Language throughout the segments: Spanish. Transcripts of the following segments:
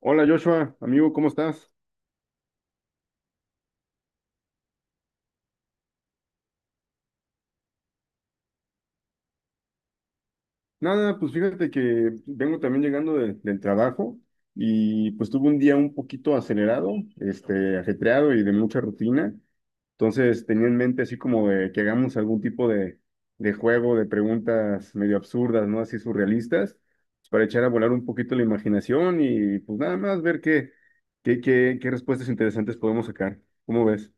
Hola Joshua, amigo, ¿cómo estás? Nada, pues fíjate que vengo también llegando del trabajo y pues tuve un día un poquito acelerado, ajetreado y de mucha rutina. Entonces tenía en mente así como de que hagamos algún tipo de juego, de preguntas medio absurdas, ¿no? Así surrealistas, pues, para echar a volar un poquito la imaginación y pues nada más ver qué respuestas interesantes podemos sacar. ¿Cómo ves?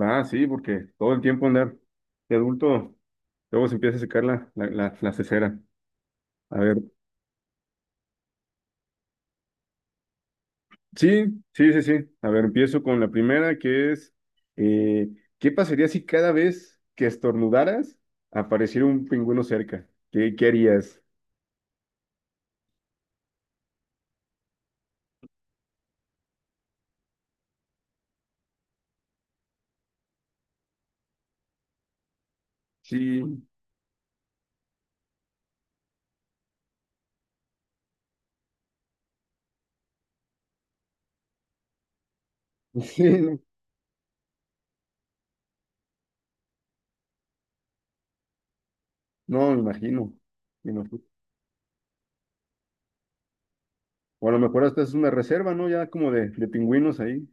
Ah, sí, porque todo el tiempo andar de adulto, luego se empieza a secar la cesera. A ver, sí, sí. A ver, empiezo con la primera, que es, eh, ¿qué pasaría si cada vez que estornudaras apareciera un pingüino cerca? ¿Qué, qué harías? Sí, sí, no, no, me imagino. Me imagino. O a lo mejor hasta es una reserva, ¿no? Ya como de pingüinos ahí.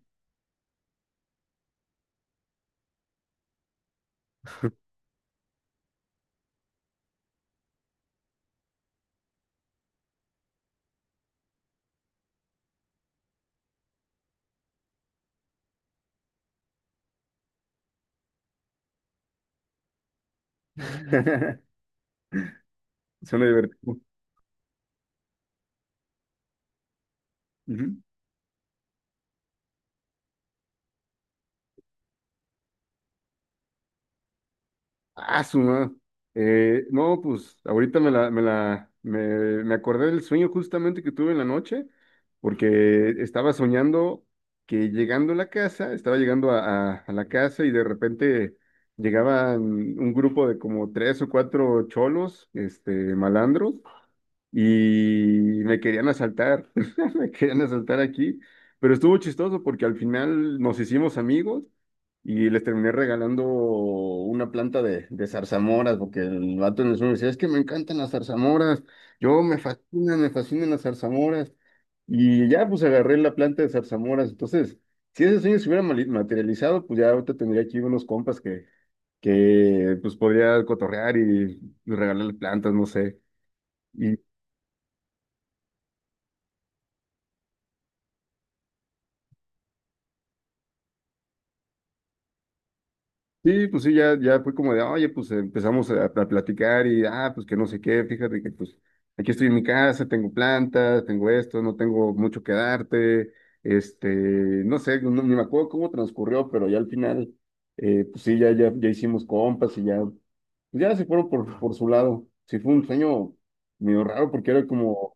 Suena divertido. Ujú. Ah, no, pues ahorita me acordé del sueño justamente que tuve en la noche, porque estaba soñando que llegando a la casa, estaba llegando a la casa y de repente llegaban un grupo de como tres o cuatro cholos, malandros, y me querían asaltar, me querían asaltar aquí, pero estuvo chistoso porque al final nos hicimos amigos y les terminé regalando una planta de zarzamoras, porque el vato en el sur me decía, es que me encantan las zarzamoras, yo me fascinan las zarzamoras. Y ya pues agarré la planta de zarzamoras. Entonces, si ese sueño se hubiera materializado, pues ya ahorita tendría aquí unos compas que pues podría cotorrear y regalarle plantas, no sé. Sí, pues sí, ya fue como de, oye, pues empezamos a platicar y, ah, pues que no sé qué, fíjate que pues aquí estoy en mi casa, tengo plantas, tengo esto, no tengo mucho que darte, no sé, ni me acuerdo cómo transcurrió, pero ya al final, pues sí, ya hicimos compas y ya, pues ya se fueron por su lado. Sí, fue un sueño medio raro porque era como,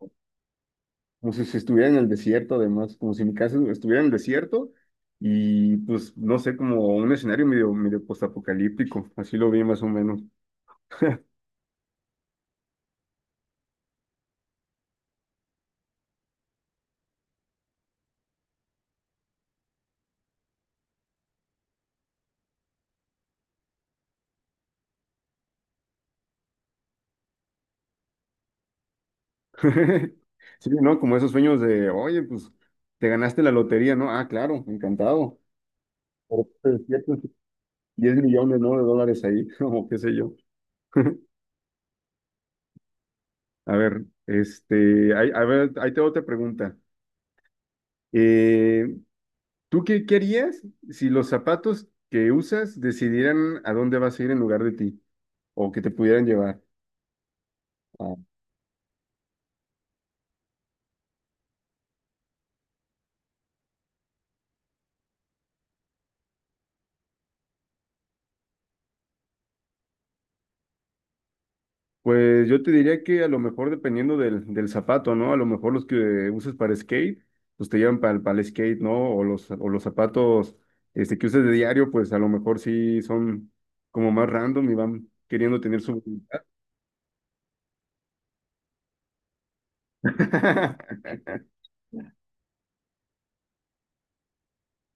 como si, si estuviera en el desierto, además, como si mi casa estuviera en el desierto y pues no sé, como un escenario medio postapocalíptico, así lo vi más o menos. Sí, ¿no? Como esos sueños de, oye, pues te ganaste la lotería, ¿no? Ah, claro, encantado. Pero te despiertas 10 millones, ¿no? De dólares ahí, o qué sé yo. A ver, a ver, ahí tengo otra pregunta. Eh, ¿Tú qué, qué harías si los zapatos que usas decidieran a dónde vas a ir en lugar de ti? ¿O que te pudieran llevar? Ah, pues yo te diría que a lo mejor dependiendo del zapato, ¿no? A lo mejor los que uses para skate, pues te llevan para, para el skate, ¿no? O los zapatos que uses de diario, pues a lo mejor sí son como más random y van queriendo tener su voluntad.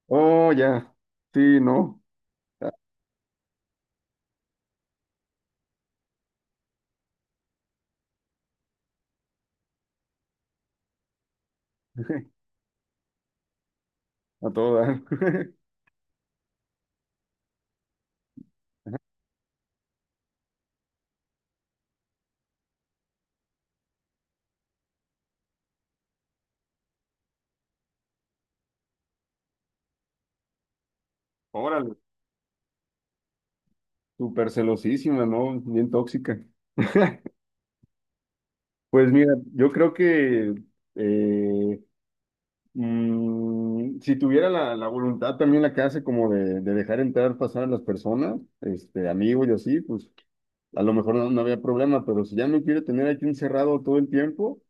Oh, ya. Sí, ¿no? A todo dar. Órale. Súper celosísima, ¿no? Bien tóxica. Pues mira, yo creo que eh, si tuviera la voluntad también la que hace como de dejar entrar, pasar a las personas, amigos y así, pues a lo mejor no, no había problema, pero si ya me quiere tener aquí encerrado todo el tiempo,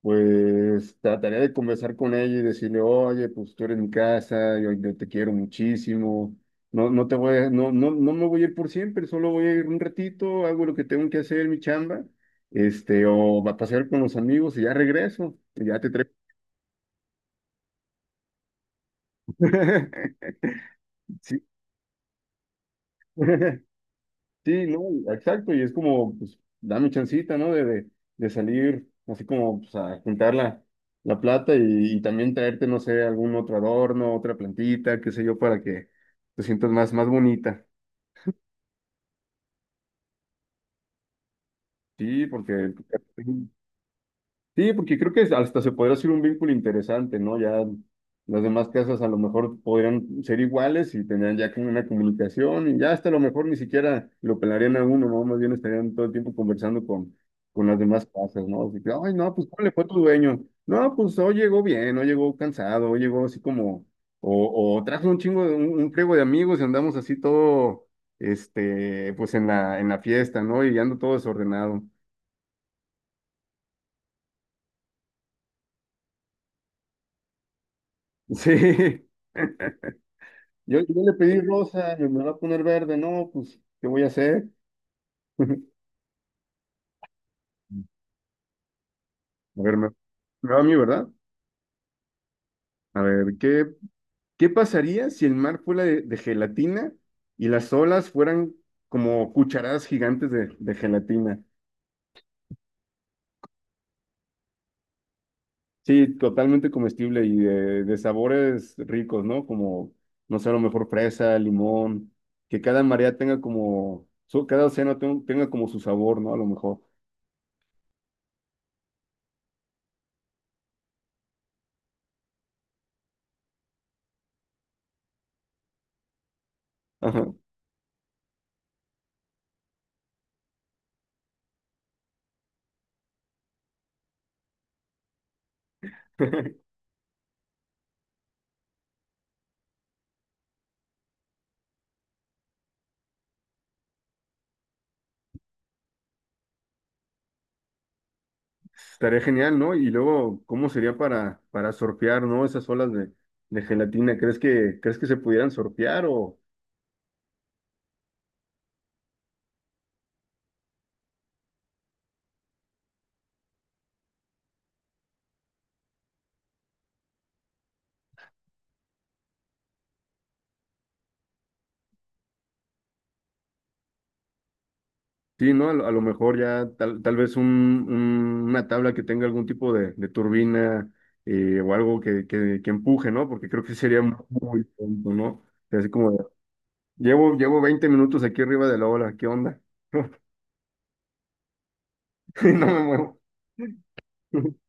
pues trataría de conversar con ella y decirle, oye, pues tú eres mi casa, yo te quiero muchísimo, no, no, no, no me voy a ir por siempre, solo voy a ir un ratito, hago lo que tengo que hacer, mi chamba, este, o va a pasear con los amigos y ya regreso, y ya te traigo. Sí. Sí, no, exacto, y es como, pues, dame chancita, ¿no? De salir, así como, pues, a juntar la plata y también traerte, no sé, algún otro adorno, otra plantita, qué sé yo, para que te sientas más bonita. Sí, porque Sí, porque creo que hasta se podría hacer un vínculo interesante, ¿no? Ya las demás casas a lo mejor podrían ser iguales y tendrían ya como una comunicación y ya hasta a lo mejor ni siquiera lo pelarían a uno, ¿no? Más bien estarían todo el tiempo conversando con las demás casas, ¿no? Así que, ay, no, pues ¿cómo le fue a tu dueño? No, pues hoy llegó bien, hoy llegó cansado, hoy llegó así como, o trajo un chingo, un friego de amigos y andamos así todo, pues en la fiesta, ¿no? Y ando todo desordenado. Sí. Yo le pedí rosa, me va a poner verde, no, pues, ¿qué voy a hacer? A ver, me va a mí, ¿verdad? A ver, ¿qué, qué pasaría si el mar fuera de gelatina y las olas fueran como cucharadas gigantes de gelatina? Sí, totalmente comestible y de sabores ricos, ¿no? Como, no sé, a lo mejor fresa, limón, que cada marea tenga como, cada océano tenga como su sabor, ¿no? A lo mejor. Ajá. Estaría genial, ¿no? Y luego, ¿cómo sería para surfear, ¿no? Esas olas de gelatina, crees que se pudieran surfear o sí, ¿no? A lo mejor ya tal, tal vez una tabla que tenga algún tipo de turbina o algo que empuje, ¿no? Porque creo que sería muy tonto, ¿no? O sea, así como, de, llevo, llevo 20 minutos aquí arriba de la ola, ¿qué onda? Y no me muevo.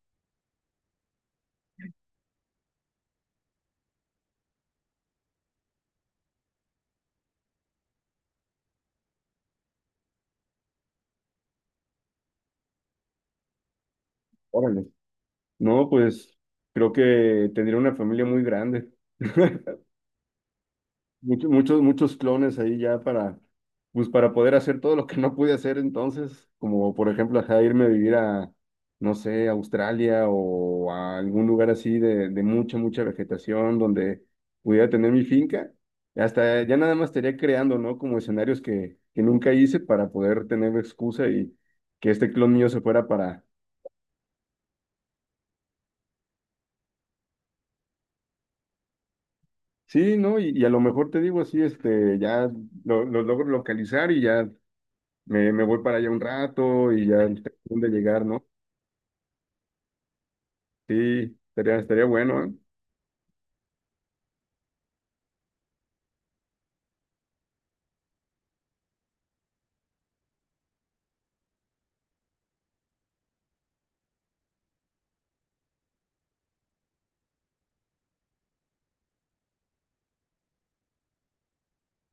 Órale. No, pues creo que tendría una familia muy grande. Muchos clones ahí ya para, pues para poder hacer todo lo que no pude hacer entonces, como por ejemplo, ajá, irme a vivir a, no sé, a Australia o a algún lugar así de mucha, mucha vegetación donde pudiera tener mi finca. Hasta ya nada más estaría creando, ¿no? Como escenarios que nunca hice para poder tener excusa y que este clon mío se fuera para... Sí, ¿no? Y a lo mejor te digo así, este, ya lo logro localizar y ya me voy para allá un rato y ya tengo de llegar, ¿no? Sí, estaría, estaría bueno, ¿eh?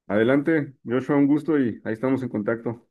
Adelante, Joshua, un gusto y ahí estamos en contacto.